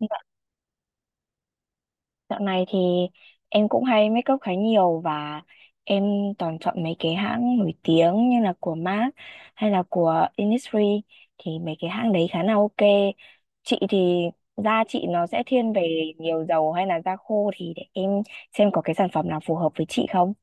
Dạ, dạo này thì em cũng hay make up khá nhiều và em toàn chọn mấy cái hãng nổi tiếng như là của MAC hay là của Innisfree thì mấy cái hãng đấy khá là ok. Chị thì da chị nó sẽ thiên về nhiều dầu hay là da khô thì để em xem có cái sản phẩm nào phù hợp với chị không.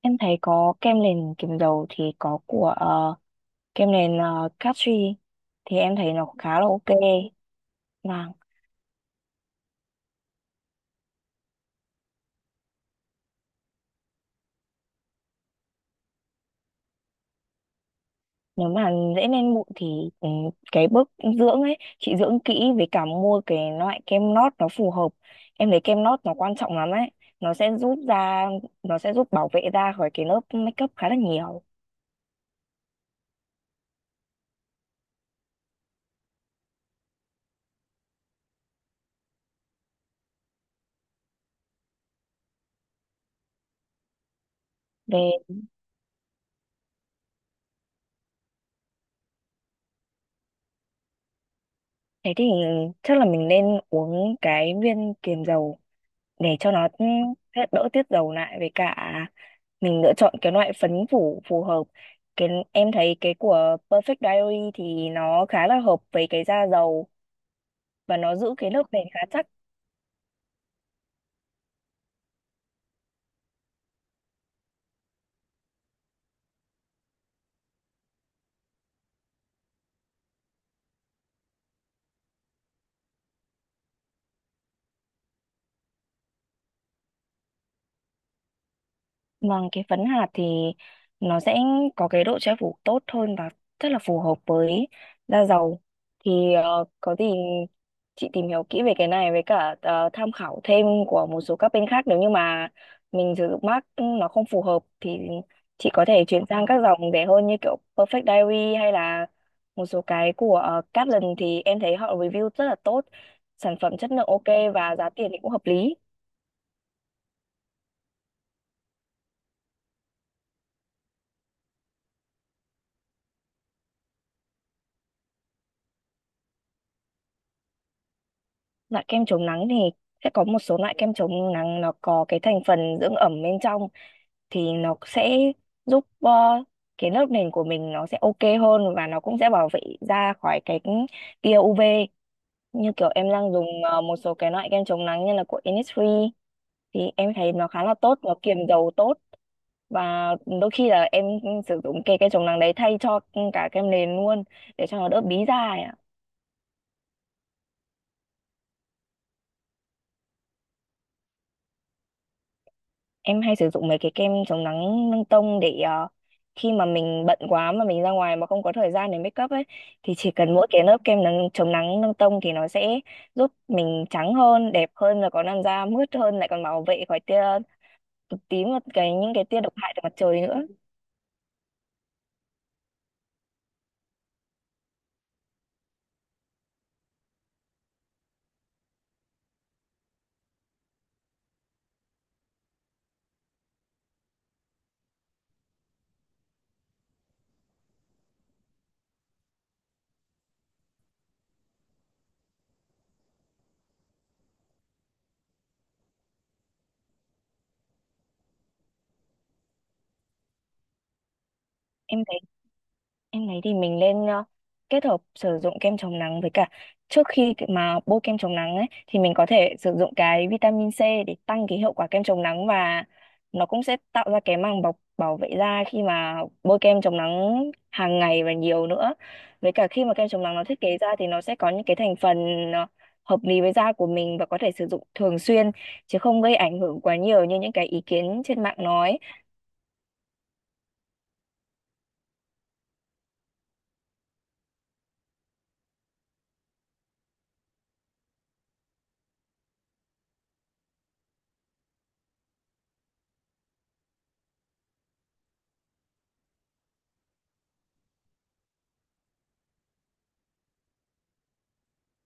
Em thấy có kem nền kiềm dầu thì có của kem nền Castri thì em thấy nó khá là ok. Và nếu mà dễ lên mụn thì cái bước dưỡng ấy chị dưỡng kỹ với cả mua cái loại kem nót nó phù hợp, em thấy kem nót nó quan trọng lắm ấy, nó sẽ giúp da, nó sẽ giúp bảo vệ da khỏi cái lớp makeup khá là nhiều. về Thế thì chắc là mình nên uống cái viên kiềm dầu để cho nó hết đỡ tiết dầu lại, với cả mình lựa chọn cái loại phấn phủ phù hợp. Cái em thấy cái của Perfect Diary thì nó khá là hợp với cái da dầu và nó giữ cái lớp bền khá chắc. Vâng, cái phấn hạt thì nó sẽ có cái độ che phủ tốt hơn và rất là phù hợp với da dầu. Thì có gì chị tìm hiểu kỹ về cái này với cả tham khảo thêm của một số các bên khác, nếu như mà mình sử dụng mác nó không phù hợp thì chị có thể chuyển sang các dòng rẻ hơn như kiểu Perfect Diary hay là một số cái của Kaplan, thì em thấy họ review rất là tốt, sản phẩm chất lượng ok và giá tiền thì cũng hợp lý. Loại kem chống nắng thì sẽ có một số loại kem chống nắng nó có cái thành phần dưỡng ẩm bên trong, thì nó sẽ giúp cái lớp nền của mình nó sẽ ok hơn và nó cũng sẽ bảo vệ da khỏi cái tia UV, như kiểu em đang dùng một số cái loại kem chống nắng như là của Innisfree thì em thấy nó khá là tốt, nó kiềm dầu tốt. Và đôi khi là em sử dụng cái kem chống nắng đấy thay cho cả kem nền luôn, để cho nó đỡ bí da. Em hay sử dụng mấy cái kem chống nắng nâng tông để khi mà mình bận quá mà mình ra ngoài mà không có thời gian để make up ấy, thì chỉ cần mỗi cái lớp kem nắng chống nắng nâng tông thì nó sẽ giúp mình trắng hơn, đẹp hơn và có làn da mướt hơn, lại còn bảo vệ khỏi tia cực tím và cái những cái tia độc hại từ mặt trời nữa. Em thấy Em thấy thì mình nên kết hợp sử dụng kem chống nắng với cả trước khi mà bôi kem chống nắng ấy, thì mình có thể sử dụng cái vitamin C để tăng cái hiệu quả kem chống nắng, và nó cũng sẽ tạo ra cái màng bọc bảo vệ da khi mà bôi kem chống nắng hàng ngày và nhiều nữa. Với cả khi mà kem chống nắng nó thiết kế ra thì nó sẽ có những cái thành phần ờ, hợp lý với da của mình và có thể sử dụng thường xuyên, chứ không gây ảnh hưởng quá nhiều như những cái ý kiến trên mạng nói.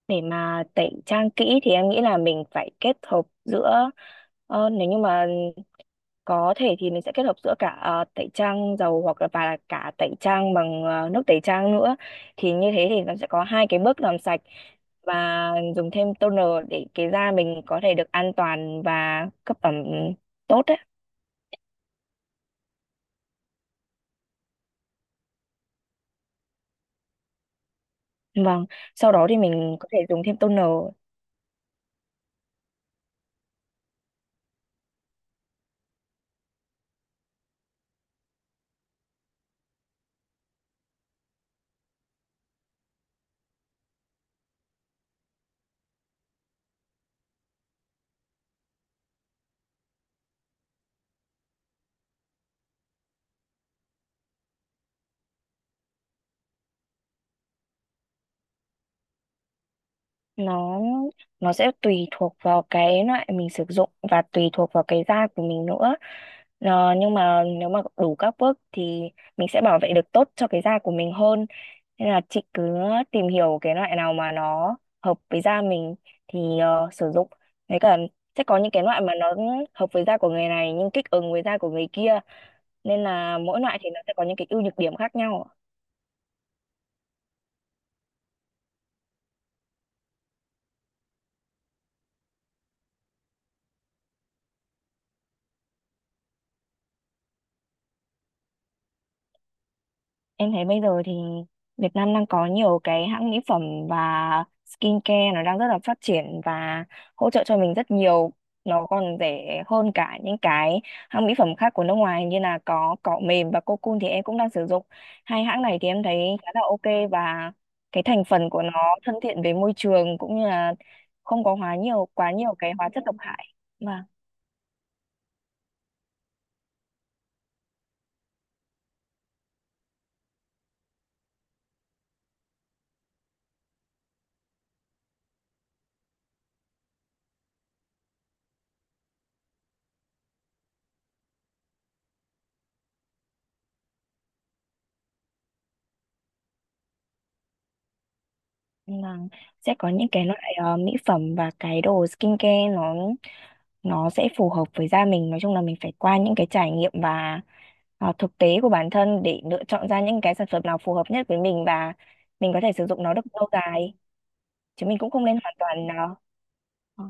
Để mà tẩy trang kỹ thì em nghĩ là mình phải kết hợp giữa nếu như mà có thể thì mình sẽ kết hợp giữa cả tẩy trang dầu hoặc là và cả tẩy trang bằng nước tẩy trang nữa, thì như thế thì nó sẽ có hai cái bước làm sạch, và dùng thêm toner để cái da mình có thể được an toàn và cấp ẩm tốt đấy. Vâng, sau đó thì mình có thể dùng thêm toner. Nó nó sẽ tùy thuộc vào cái loại mình sử dụng và tùy thuộc vào cái da của mình nữa. Ờ, nhưng mà nếu mà đủ các bước thì mình sẽ bảo vệ được tốt cho cái da của mình hơn. Nên là chị cứ tìm hiểu cái loại nào mà nó hợp với da mình thì sử dụng. Với cả sẽ có những cái loại mà nó hợp với da của người này nhưng kích ứng với da của người kia. Nên là mỗi loại thì nó sẽ có những cái ưu nhược điểm khác nhau. Em thấy bây giờ thì Việt Nam đang có nhiều cái hãng mỹ phẩm và skincare, nó đang rất là phát triển và hỗ trợ cho mình rất nhiều. Nó còn rẻ hơn cả những cái hãng mỹ phẩm khác của nước ngoài, như là có cọ mềm và Cocoon thì em cũng đang sử dụng. Hai hãng này thì em thấy khá là ok, và cái thành phần của nó thân thiện với môi trường cũng như là không có hóa nhiều quá nhiều cái hóa chất độc hại. Vâng, vâng. Sẽ có những cái loại mỹ phẩm và cái đồ skincare nó sẽ phù hợp với da mình, nói chung là mình phải qua những cái trải nghiệm và thực tế của bản thân để lựa chọn ra những cái sản phẩm nào phù hợp nhất với mình và mình có thể sử dụng nó được lâu dài, chứ mình cũng không nên hoàn toàn ờ, ờ,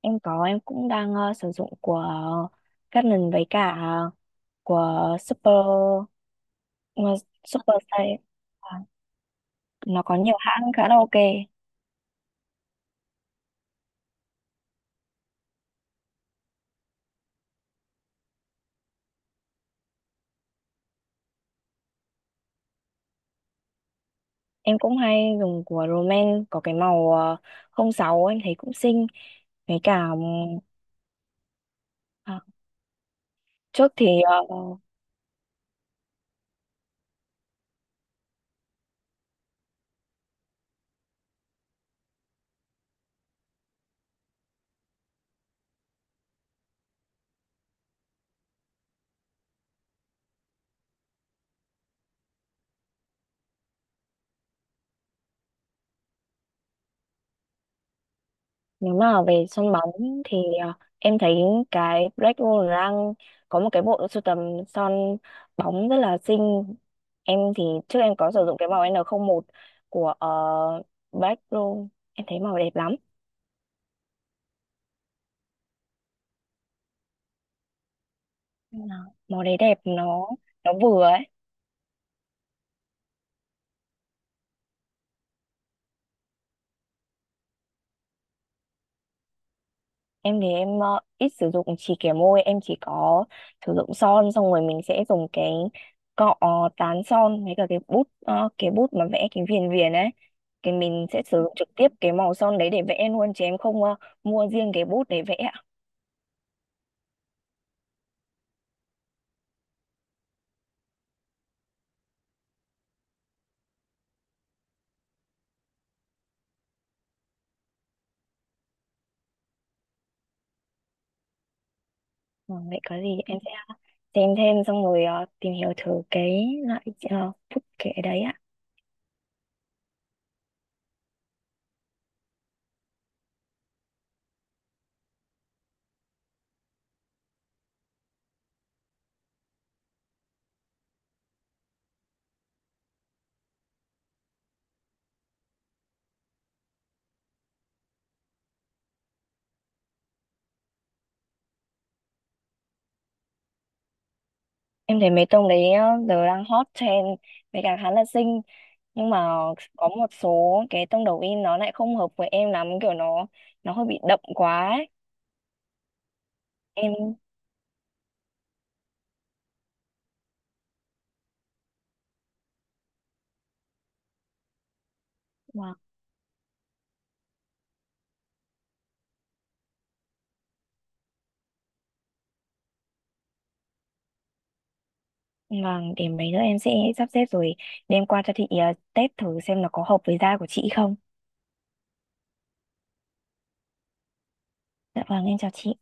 em có em cũng đang sử dụng của Canon với cả của Super ờ, Super Style. Ờ, nó có nhiều hãng khá là ok. Em cũng hay dùng của Roman, có cái màu không sáu em thấy cũng xinh, với cả trước thì nếu mà về sân bóng thì em thấy cái Black Wall đang có một cái bộ sưu tầm son bóng rất là xinh. Em thì trước em có sử dụng cái màu N01 của uh, Black Roll. Em thấy màu đẹp lắm. Vâng ạ. Màu đấy đẹp, nó vừa ấy. Em thì em ít sử dụng chì kẻ môi, em chỉ có sử dụng son xong rồi mình sẽ dùng cái cọ tán son với cả cái bút cái bút mà vẽ cái viền viền ấy. Cái mình sẽ sử dụng trực tiếp cái màu son đấy để vẽ luôn chứ em không mua riêng cái bút để vẽ ạ. Ờ, vậy có gì em sẽ xem thêm xong rồi tìm hiểu thử cái loại bút kẻ đấy ạ. Em thấy mấy tông đấy á, giờ đang hot trend với cả khá là xinh, nhưng mà có một số cái tông đầu in nó lại không hợp với em lắm, kiểu nó hơi bị đậm quá ấy. Em vâng, vâng, để mấy nữa em sẽ sắp xếp rồi đem qua cho chị test thử xem nó có hợp với da của chị không. Dạ vâng, em chào chị.